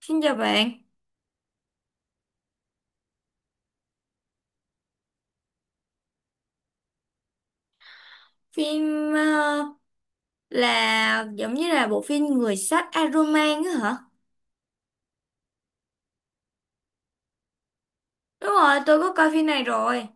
Xin chào bạn. Phim ờ, là giống như là bộ phim Người sắt Aroman á hả? Đúng rồi, tôi có coi phim này rồi.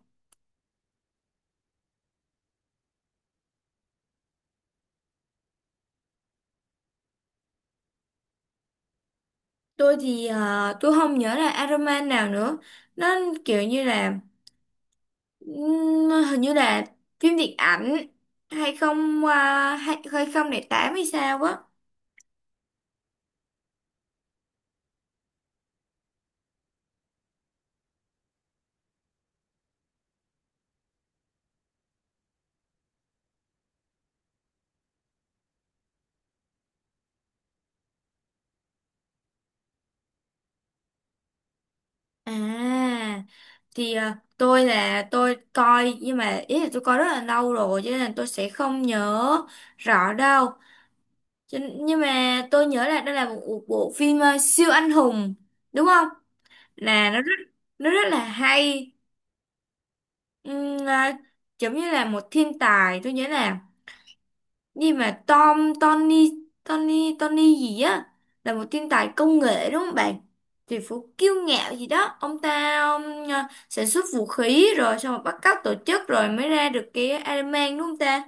Tôi thì tôi không nhớ là Aroman nào nữa. Nó kiểu như là hình như là phim điện ảnh 20 2008 hay sao á. À thì à, tôi là tôi coi nhưng mà ý là tôi coi rất là lâu rồi, cho nên là tôi sẽ không nhớ rõ đâu. Cho- Nhưng mà tôi nhớ là đây là một bộ phim siêu anh hùng, đúng không? Là nó rất là hay. Ừm, à, Giống như là một thiên tài, tôi nhớ là như mà Tom Tony Tony Tony gì á, là một thiên tài công nghệ đúng không bạn? Thì phú kiêu ngạo gì đó, ông ta sản xuất vũ khí rồi xong rồi bắt cóc tổ chức rồi mới ra được cái Iron Man đúng không ta?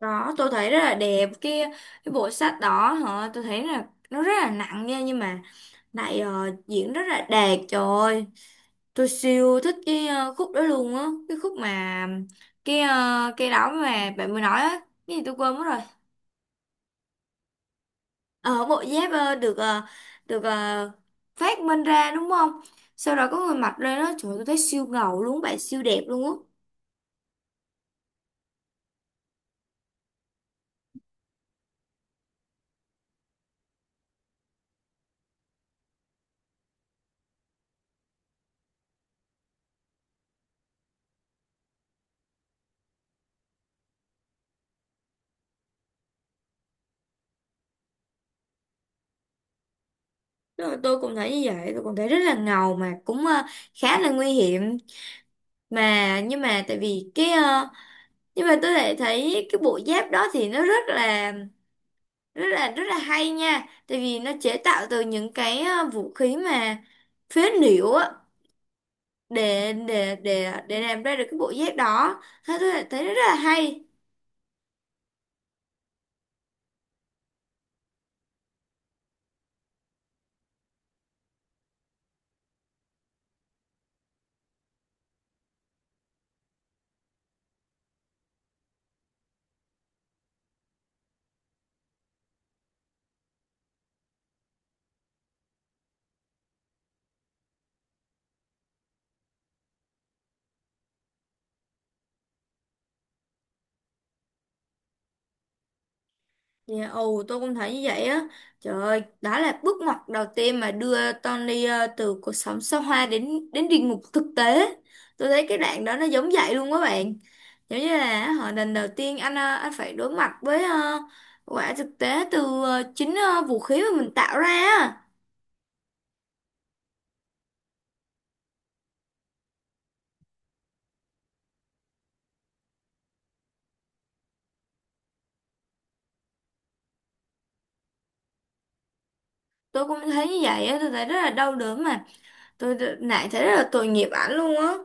Đó, tôi thấy rất là đẹp cái bộ sách đó hả, tôi thấy là nó rất là nặng nha, nhưng mà lại diễn rất là đẹp. Trời ơi, tôi siêu thích cái khúc đó luôn á, cái khúc mà cái cái đó mà bạn mới nói á, cái gì tôi quên mất rồi. Ờ Bộ giáp được phát minh ra đúng không? Sau đó có người mặc lên đó, trời ơi, tôi thấy siêu ngầu luôn bạn, siêu đẹp luôn á. Rồi tôi cũng thấy như vậy, tôi cũng thấy rất là ngầu mà cũng khá là nguy hiểm, nhưng mà tại vì cái nhưng mà tôi lại thấy cái bộ giáp đó thì nó rất là hay nha, tại vì nó chế tạo từ những cái vũ khí mà phế liệu á, để làm ra được cái bộ giáp đó, thế tôi lại thấy nó rất là hay. Dạ, ồ, tôi cũng thấy như vậy á. Trời ơi, đó là bước ngoặt đầu tiên mà đưa Tony từ cuộc sống xa hoa đến đến địa ngục thực tế. Tôi thấy cái đoạn đó nó giống vậy luôn các bạn. Giống như là họ lần đầu tiên anh anh phải đối mặt với quả thực tế từ chính vũ khí mà mình tạo ra á. Tôi cũng thấy như vậy á, tôi thấy rất là đau đớn mà. Tôi lại thấy rất là tội nghiệp ảnh luôn á.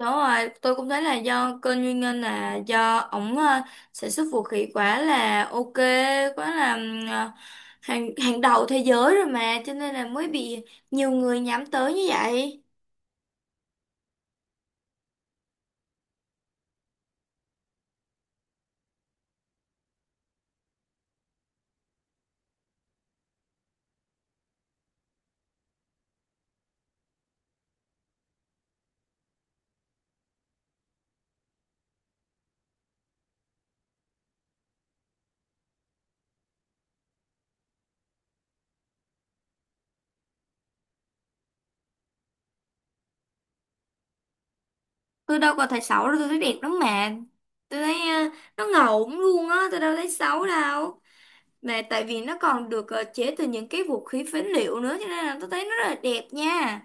Đúng rồi, tôi cũng thấy là do kênh nguyên nhân là do ổng sản xuất vũ khí quá là ok, quá là hàng hàng đầu thế giới rồi mà, cho nên là mới bị nhiều người nhắm tới như vậy. Tôi đâu có thấy xấu đâu, tôi thấy đẹp lắm mà. Tôi thấy nó ngầu luôn á, tôi đâu thấy xấu đâu. Mà tại vì nó còn được chế từ những cái vũ khí phế liệu nữa, cho nên là tôi thấy nó rất là đẹp nha.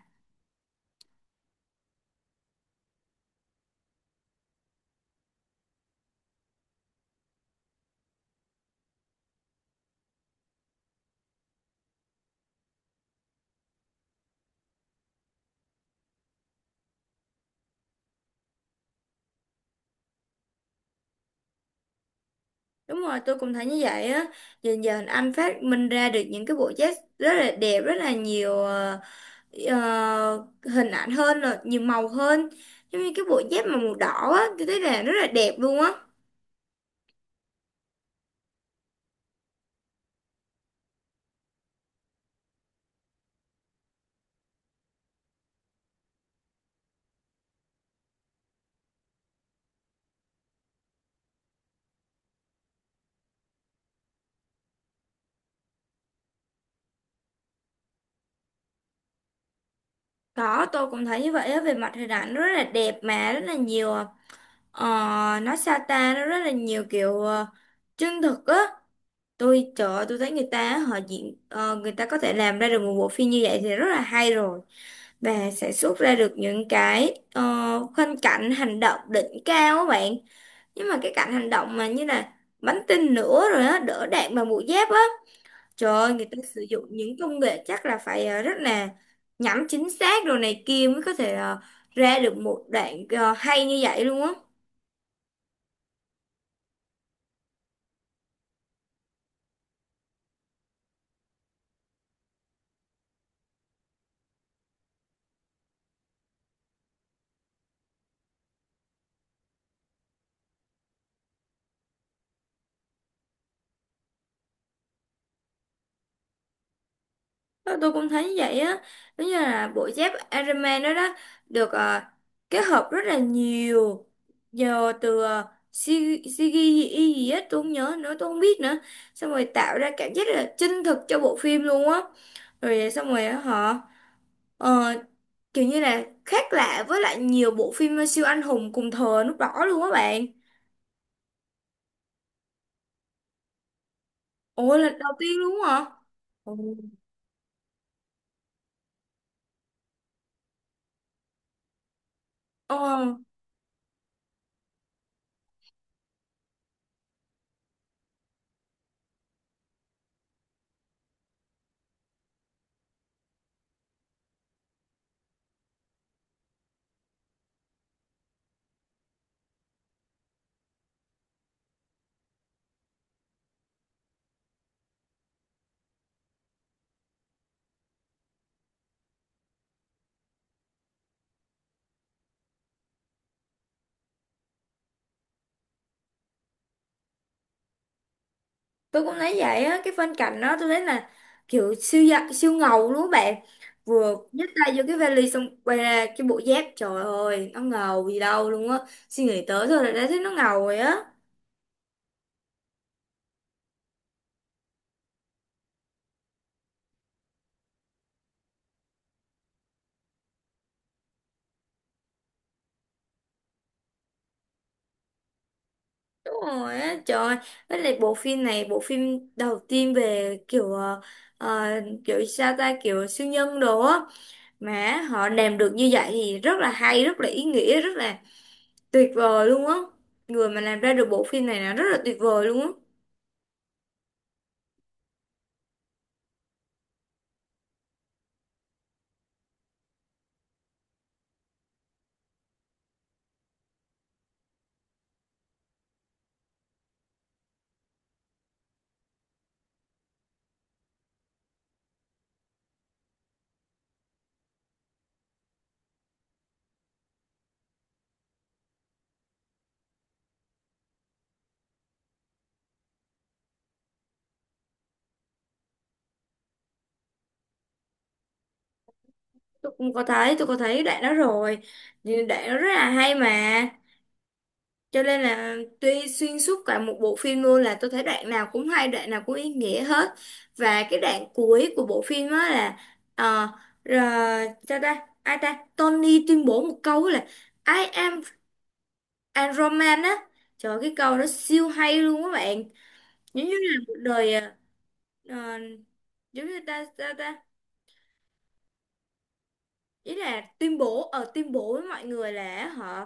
Đúng rồi, tôi cũng thấy như vậy á. Dần dần anh phát minh ra được những cái bộ vest rất là đẹp, rất là nhiều hình ảnh hơn, rồi nhiều màu hơn. Giống như cái bộ dép mà màu đỏ á, tôi thấy là rất là đẹp luôn á. Đó, tôi cũng thấy như vậy á, về mặt hình ảnh nó rất là đẹp mà, rất là nhiều, ờ, nó sa ta, nó rất là nhiều kiểu chân thực á. Tôi, trời ơi, tôi thấy người ta họ diễn, người ta có thể làm ra được một bộ phim như vậy thì rất là hay rồi. Và sẽ xuất ra được những cái khoanh cảnh hành động đỉnh cao á bạn, nhưng mà cái cảnh hành động mà như là bắn tinh nữa rồi á, đỡ đạn bằng mũi giáp á, trời ơi, người ta sử dụng những công nghệ chắc là phải rất là nhắm chính xác đồ này kia mới có thể ra được một đoạn hay như vậy luôn á. Tôi cũng thấy vậy á, giống như là bộ dép Iron Man đó đó được kết hợp rất là nhiều giờ từ CGI gì gì á, tôi không nhớ nữa tôi không biết nữa, xong rồi tạo ra cảm giác là chân thực cho bộ phim luôn á. Rồi xong rồi á, họ ờ, kiểu như là khác lạ với lại nhiều bộ phim siêu anh hùng cùng thời lúc đó luôn á bạn. Ủa lần đầu tiên luôn á hả? Ừ. ờ tôi cũng thấy vậy á, cái phân cảnh đó tôi thấy là kiểu siêu dạ, siêu ngầu luôn các bạn. Vừa nhấc tay vô cái vali xong quay ra cái bộ dép, trời ơi, nó ngầu gì đâu luôn á, suy nghĩ tới thôi là đã thấy nó ngầu rồi á. Đúng rồi á, trời ơi. Với lại bộ phim này bộ phim đầu tiên về kiểu ờ, kiểu sao ta, kiểu siêu nhân đồ á, mà họ làm được như vậy thì rất là hay, rất là ý nghĩa, rất là tuyệt vời luôn á. Người mà làm ra được bộ phim này là rất là tuyệt vời luôn á. Tôi cũng có thấy, tôi có thấy đoạn đó rồi. Thì đoạn đó rất là hay mà, cho nên là tuy xuyên suốt cả một bộ phim luôn là tôi thấy đoạn nào cũng hay, đoạn nào cũng ý nghĩa hết. Và cái đoạn cuối của bộ phim á là ờ, rồi sao ta ai ta, Tony tuyên bố một câu là I am a Roman á. Trời ơi, cái câu đó siêu hay luôn các bạn. Giống như là một đời ờ, giống như ta sao ta, ý là tuyên bố với mọi người là họ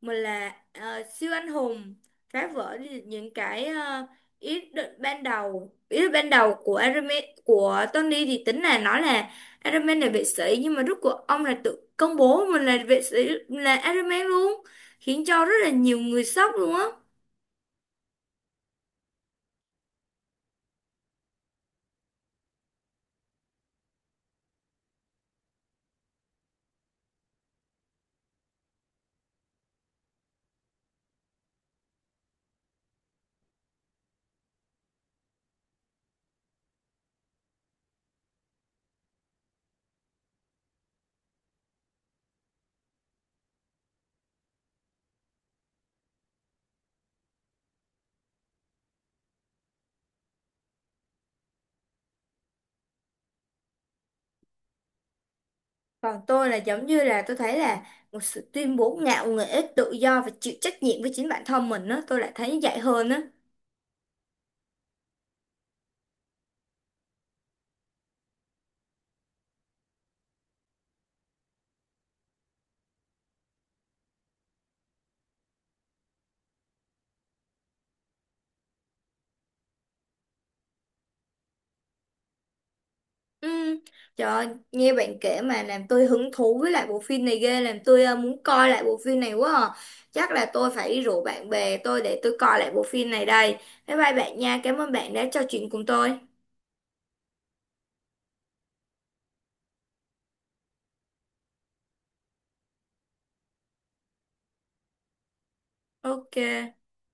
mình là siêu anh hùng, phá vỡ đi những cái ý định ban đầu của Iron Man, của Tony thì tính là nói là Iron Man là vệ sĩ, nhưng mà rốt cuộc ông là tự công bố mình là vệ sĩ là Iron Man luôn, khiến cho rất là nhiều người sốc luôn á. Còn tôi là giống như là tôi thấy là một sự tuyên bố ngạo nghễ tự do và chịu trách nhiệm với chính bản thân mình á, tôi lại thấy như vậy hơn á. Ừ. Trời ơi, nghe bạn kể mà làm tôi hứng thú với lại bộ phim này ghê, làm tôi muốn coi lại bộ phim này quá à. Chắc là tôi phải đi rủ bạn bè tôi để tôi coi lại bộ phim này đây. Bye bye bạn nha, cảm ơn bạn đã trò chuyện cùng tôi. Ok.